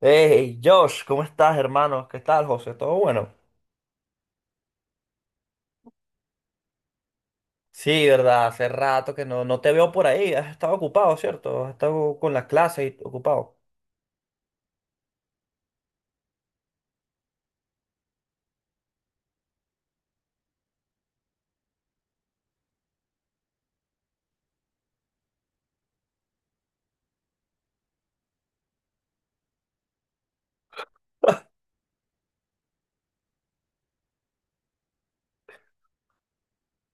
Hey, Josh, ¿cómo estás, hermano? ¿Qué tal, José? ¿Todo bueno? Sí, verdad, hace rato que no, no te veo por ahí. Has estado ocupado, ¿cierto? Has estado con las clases y ocupado.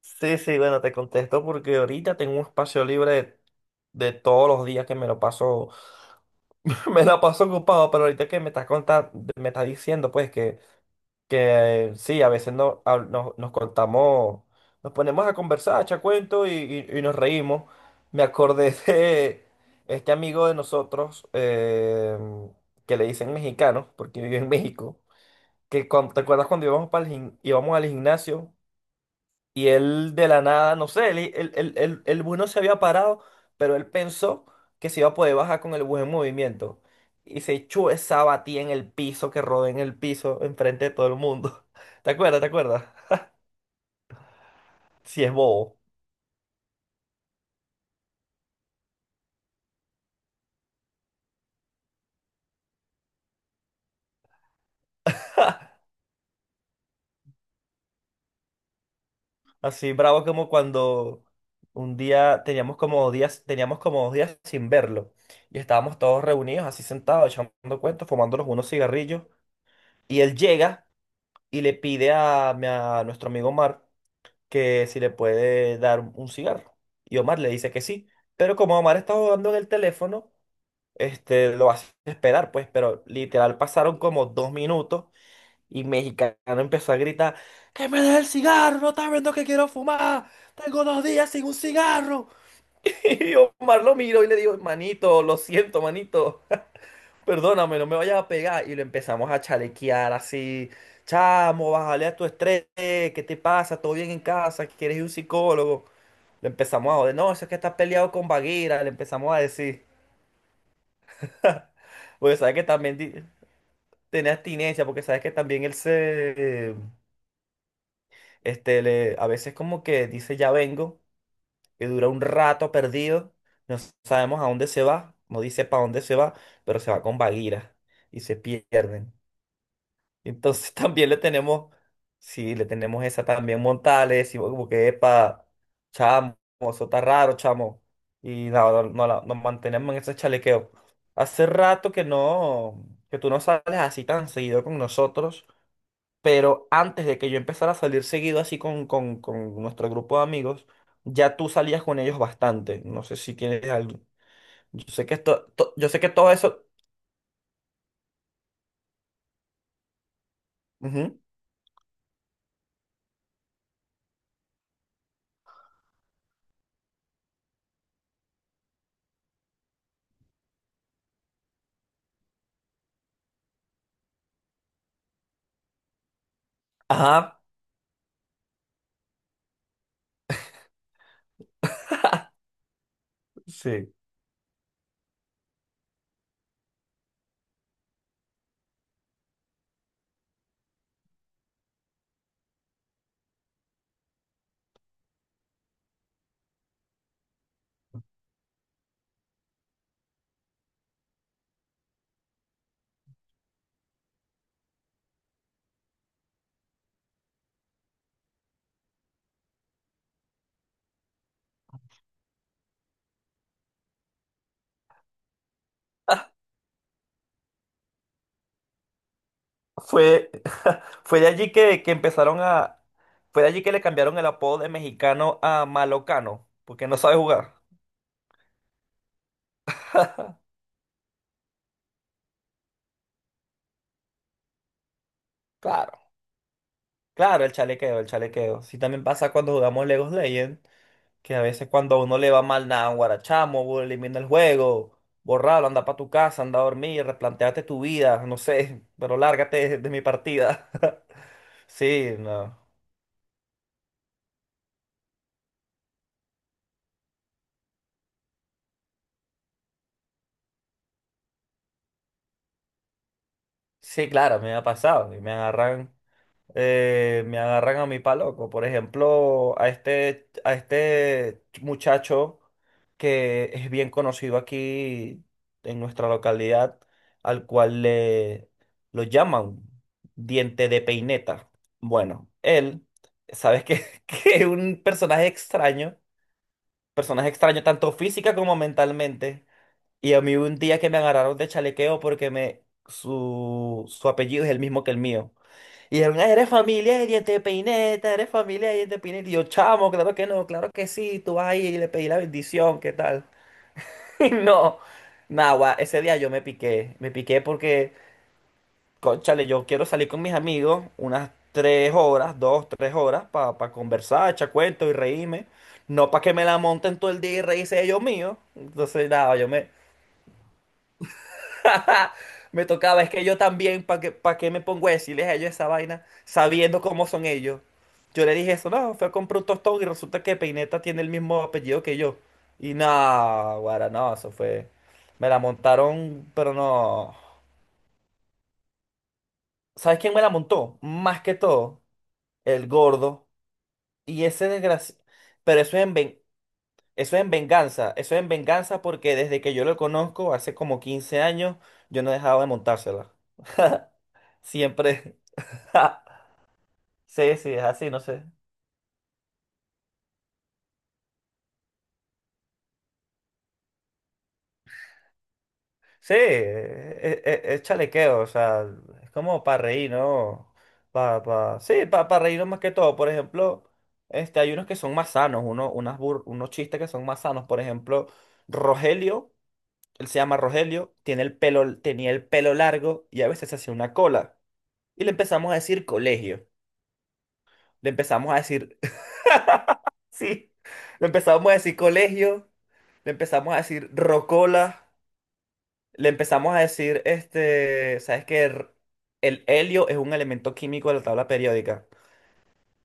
Sí, sí, bueno, te contesto porque ahorita tengo un espacio libre de todos los días que me la paso ocupado, pero ahorita que me estás contando, me estás diciendo, pues, que sí, a veces no, nos contamos, nos ponemos a conversar, a echar cuentos y nos reímos. Me acordé de este amigo de nosotros que le dicen mexicano, porque vive en México, que ¿te acuerdas cuando íbamos, íbamos al gimnasio? Y él de la nada, no sé, el bus no se había parado, pero él pensó que se iba a poder bajar con el bus en movimiento. Y se echó esa batida en el piso, que rodó en el piso, enfrente de todo el mundo. ¿Te acuerdas? ¿Te acuerdas? Si es bobo. Así bravo como cuando un día teníamos como 2 días, sin verlo. Y estábamos todos reunidos, así sentados, echando cuentos, fumándonos unos cigarrillos. Y él llega y le pide a nuestro amigo Omar que si le puede dar un cigarro. Y Omar le dice que sí. Pero como Omar está jugando en el teléfono, este, lo hace esperar, pues. Pero literal pasaron como 2 minutos y Mexicano empezó a gritar, ¡que me dé el cigarro! ¡No estás viendo que quiero fumar! ¡Tengo 2 días sin un cigarro! Y Omar lo miró y le dijo, manito, lo siento, manito. Perdóname, no me vayas a pegar. Y lo empezamos a chalequear así. Chamo, bájale a tu estrés. ¿Qué te pasa? ¿Todo bien en casa? ¿Quieres ir a un psicólogo? Le empezamos a joder. No, eso es que estás peleado con Bagheera. Le empezamos a decir. Porque sabes que también tenía abstinencia. Porque sabes que también él se. Este, le, a veces como que dice ya vengo. Y dura un rato perdido. No sabemos a dónde se va. No dice para dónde se va. Pero se va con Bagheera. Y se pierden. Entonces también le tenemos, sí, le tenemos esa también montada, le decimos como que, epa, chamo, eso está raro, chamo. Y no, no, no nos mantenemos en ese chalequeo. Hace rato que no, que tú no sales así tan seguido con nosotros, pero antes de que yo empezara a salir seguido así con nuestro grupo de amigos, ya tú salías con ellos bastante. No sé si tienes algo. Yo sé que todo eso. Ujú. Ajá, sí. Fue, fue de allí que empezaron a... Fue de allí que le cambiaron el apodo de mexicano a malocano, porque no sabe jugar. Claro, claro, el chalequeo, el chalequeo. Sí, también pasa cuando jugamos Legos Legend, que a veces cuando a uno le va mal, nada, guarachamo, elimina el juego, borralo, anda para tu casa, anda a dormir, replanteate tu vida, no sé, pero lárgate de mi partida. Sí, no. Sí, claro, me ha pasado. Y me agarran a mí pa' loco. Por ejemplo, a este muchacho que es bien conocido aquí en nuestra localidad, al cual le lo llaman diente de peineta. Bueno, él, sabes que, que es un personaje extraño tanto física como mentalmente. Y a mí hubo un día que me agarraron de chalequeo porque su apellido es el mismo que el mío. Y dijeron, "Ah, eres familia de Diente de Peineta, eres familia de Diente de Peineta". Y yo, chamo, claro que no, claro que sí, tú vas ahí y le pedí la bendición, ¿qué tal? Y no, nada, ese día yo me piqué porque, cónchale, yo quiero salir con mis amigos unas 3 horas, dos, 3 horas, para conversar, echar cuentos y reírme. No para que me la monten todo el día y reírse ellos míos. Entonces, nada, yo me, me tocaba, es que yo también, ¿para qué, pa' qué me pongo a decirles a ellos esa vaina sabiendo cómo son ellos? Yo le dije eso, no, fue a comprar un tostón y resulta que Peineta tiene el mismo apellido que yo. Y no, guara, no, eso fue. Me la montaron, pero no. ¿Sabes quién me la montó? Más que todo, el gordo. Y ese desgracia. Pero eso es en eso es en venganza. Eso es en venganza porque desde que yo lo conozco, hace como 15 años, yo no he dejado de montársela. Siempre. Sí, sí, es así, no sé. Sí, es chalequeo, o sea, es como para reír, ¿no? Pa, sí, para pa pa reírnos más que todo. Por ejemplo, este, hay unos que son más sanos, uno, unos chistes que son más sanos. Por ejemplo, Rogelio, él se llama Rogelio, tiene el pelo, tenía el pelo largo y a veces se hacía una cola. Y le empezamos a decir colegio. Le empezamos a decir, sí, le empezamos a decir colegio, le empezamos a decir rocola. Le empezamos a decir, este, ¿sabes qué? R- el helio es un elemento químico de la tabla periódica.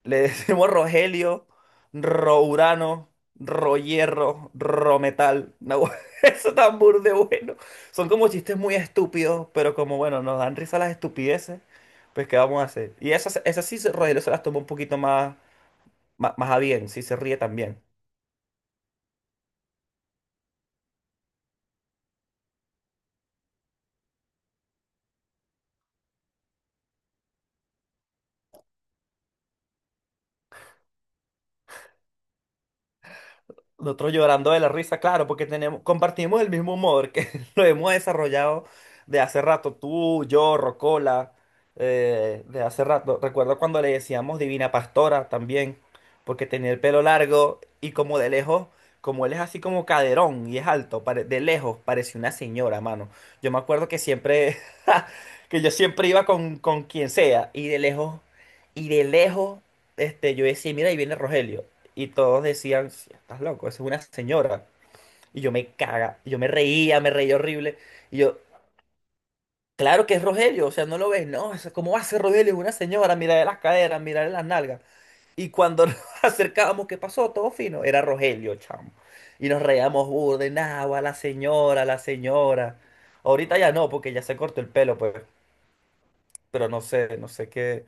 Le decimos rogelio, rourano, rohierro, rometal. No, eso tan burde bueno. Son como chistes muy estúpidos, pero como bueno, nos dan risa las estupideces, pues ¿qué vamos a hacer? Y esas, esas sí, Rogelio se las toma un poquito más, más, más a bien, sí se ríe también. Nosotros llorando de la risa, claro, porque tenemos, compartimos el mismo humor que lo hemos desarrollado de hace rato, tú, yo, Rocola, de hace rato. Recuerdo cuando le decíamos Divina Pastora también, porque tenía el pelo largo y como de lejos, como él es así como caderón y es alto, de lejos parece una señora, mano. Yo me acuerdo que siempre, que yo siempre iba con quien sea y de lejos, este, yo decía, mira, ahí viene Rogelio. Y todos decían, "Sí, estás loco, esa es una señora". Y yo me caga, y yo me reía horrible. Y yo, claro que es Rogelio, o sea, no lo ves, no, ¿cómo va a ser Rogelio? Es una señora, mirarle las caderas, mirarle las nalgas. Y cuando nos acercábamos, ¿qué pasó? Todo fino, era Rogelio, chamo. Y nos reíamos burde, nada, la señora, la señora. Ahorita ya no, porque ya se cortó el pelo, pues. Pero no sé, no sé qué.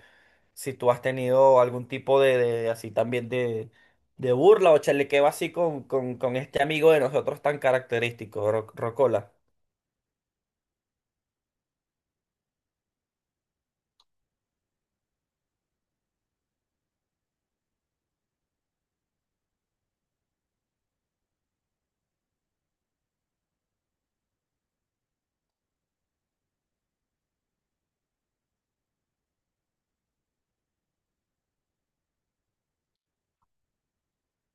Si tú has tenido algún tipo de, así también de burla o chalequeo así con este amigo de nosotros tan característico, Rocola.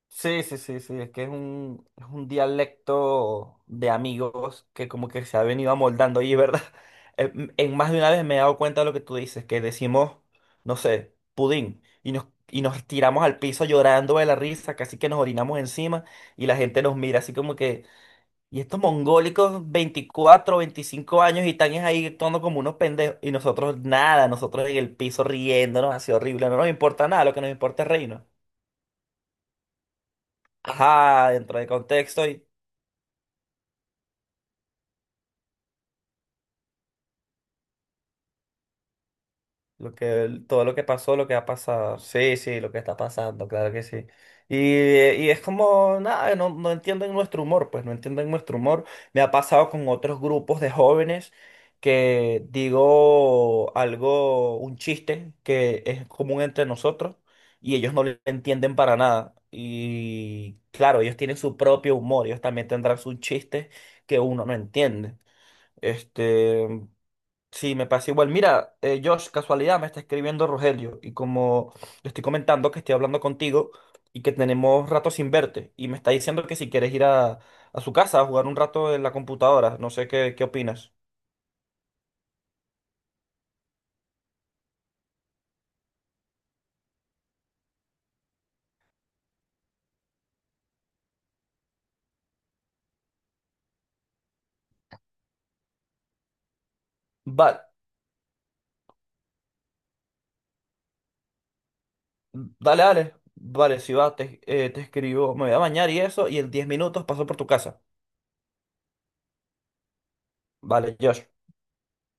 Sí, sí, sí, sí, es que es un, dialecto de amigos que como que se ha venido amoldando y, ¿verdad? En más de una vez me he dado cuenta de lo que tú dices, que decimos, no sé, pudín, y nos tiramos al piso llorando de la risa, casi que nos orinamos encima, y la gente nos mira así como que... Y estos mongólicos, 24, 25 años, y están es ahí actuando como unos pendejos. Y nosotros nada, nosotros en el piso riéndonos, así horrible. No nos importa nada, lo que nos importa es reírnos. Ajá, dentro del contexto. Lo que, todo lo que pasó, lo que ha pasado. Sí, sí, lo que está pasando, claro que sí. Y es como, nada, no, no entienden nuestro humor, pues no entienden nuestro humor. Me ha pasado con otros grupos de jóvenes que digo algo, un chiste que es común entre nosotros y ellos no lo entienden para nada. Y claro, ellos tienen su propio humor, ellos también tendrán sus chistes que uno no entiende. Este, sí, me pasa igual. Mira, Josh, casualidad, me está escribiendo Rogelio y como le estoy comentando que estoy hablando contigo y que tenemos rato sin verte y me está diciendo que si quieres ir a su casa a jugar un rato en la computadora, no sé qué, qué opinas. Vale, dale, dale, vale, si va, te escribo, me voy a bañar y eso y en 10 minutos paso por tu casa. Vale, Josh.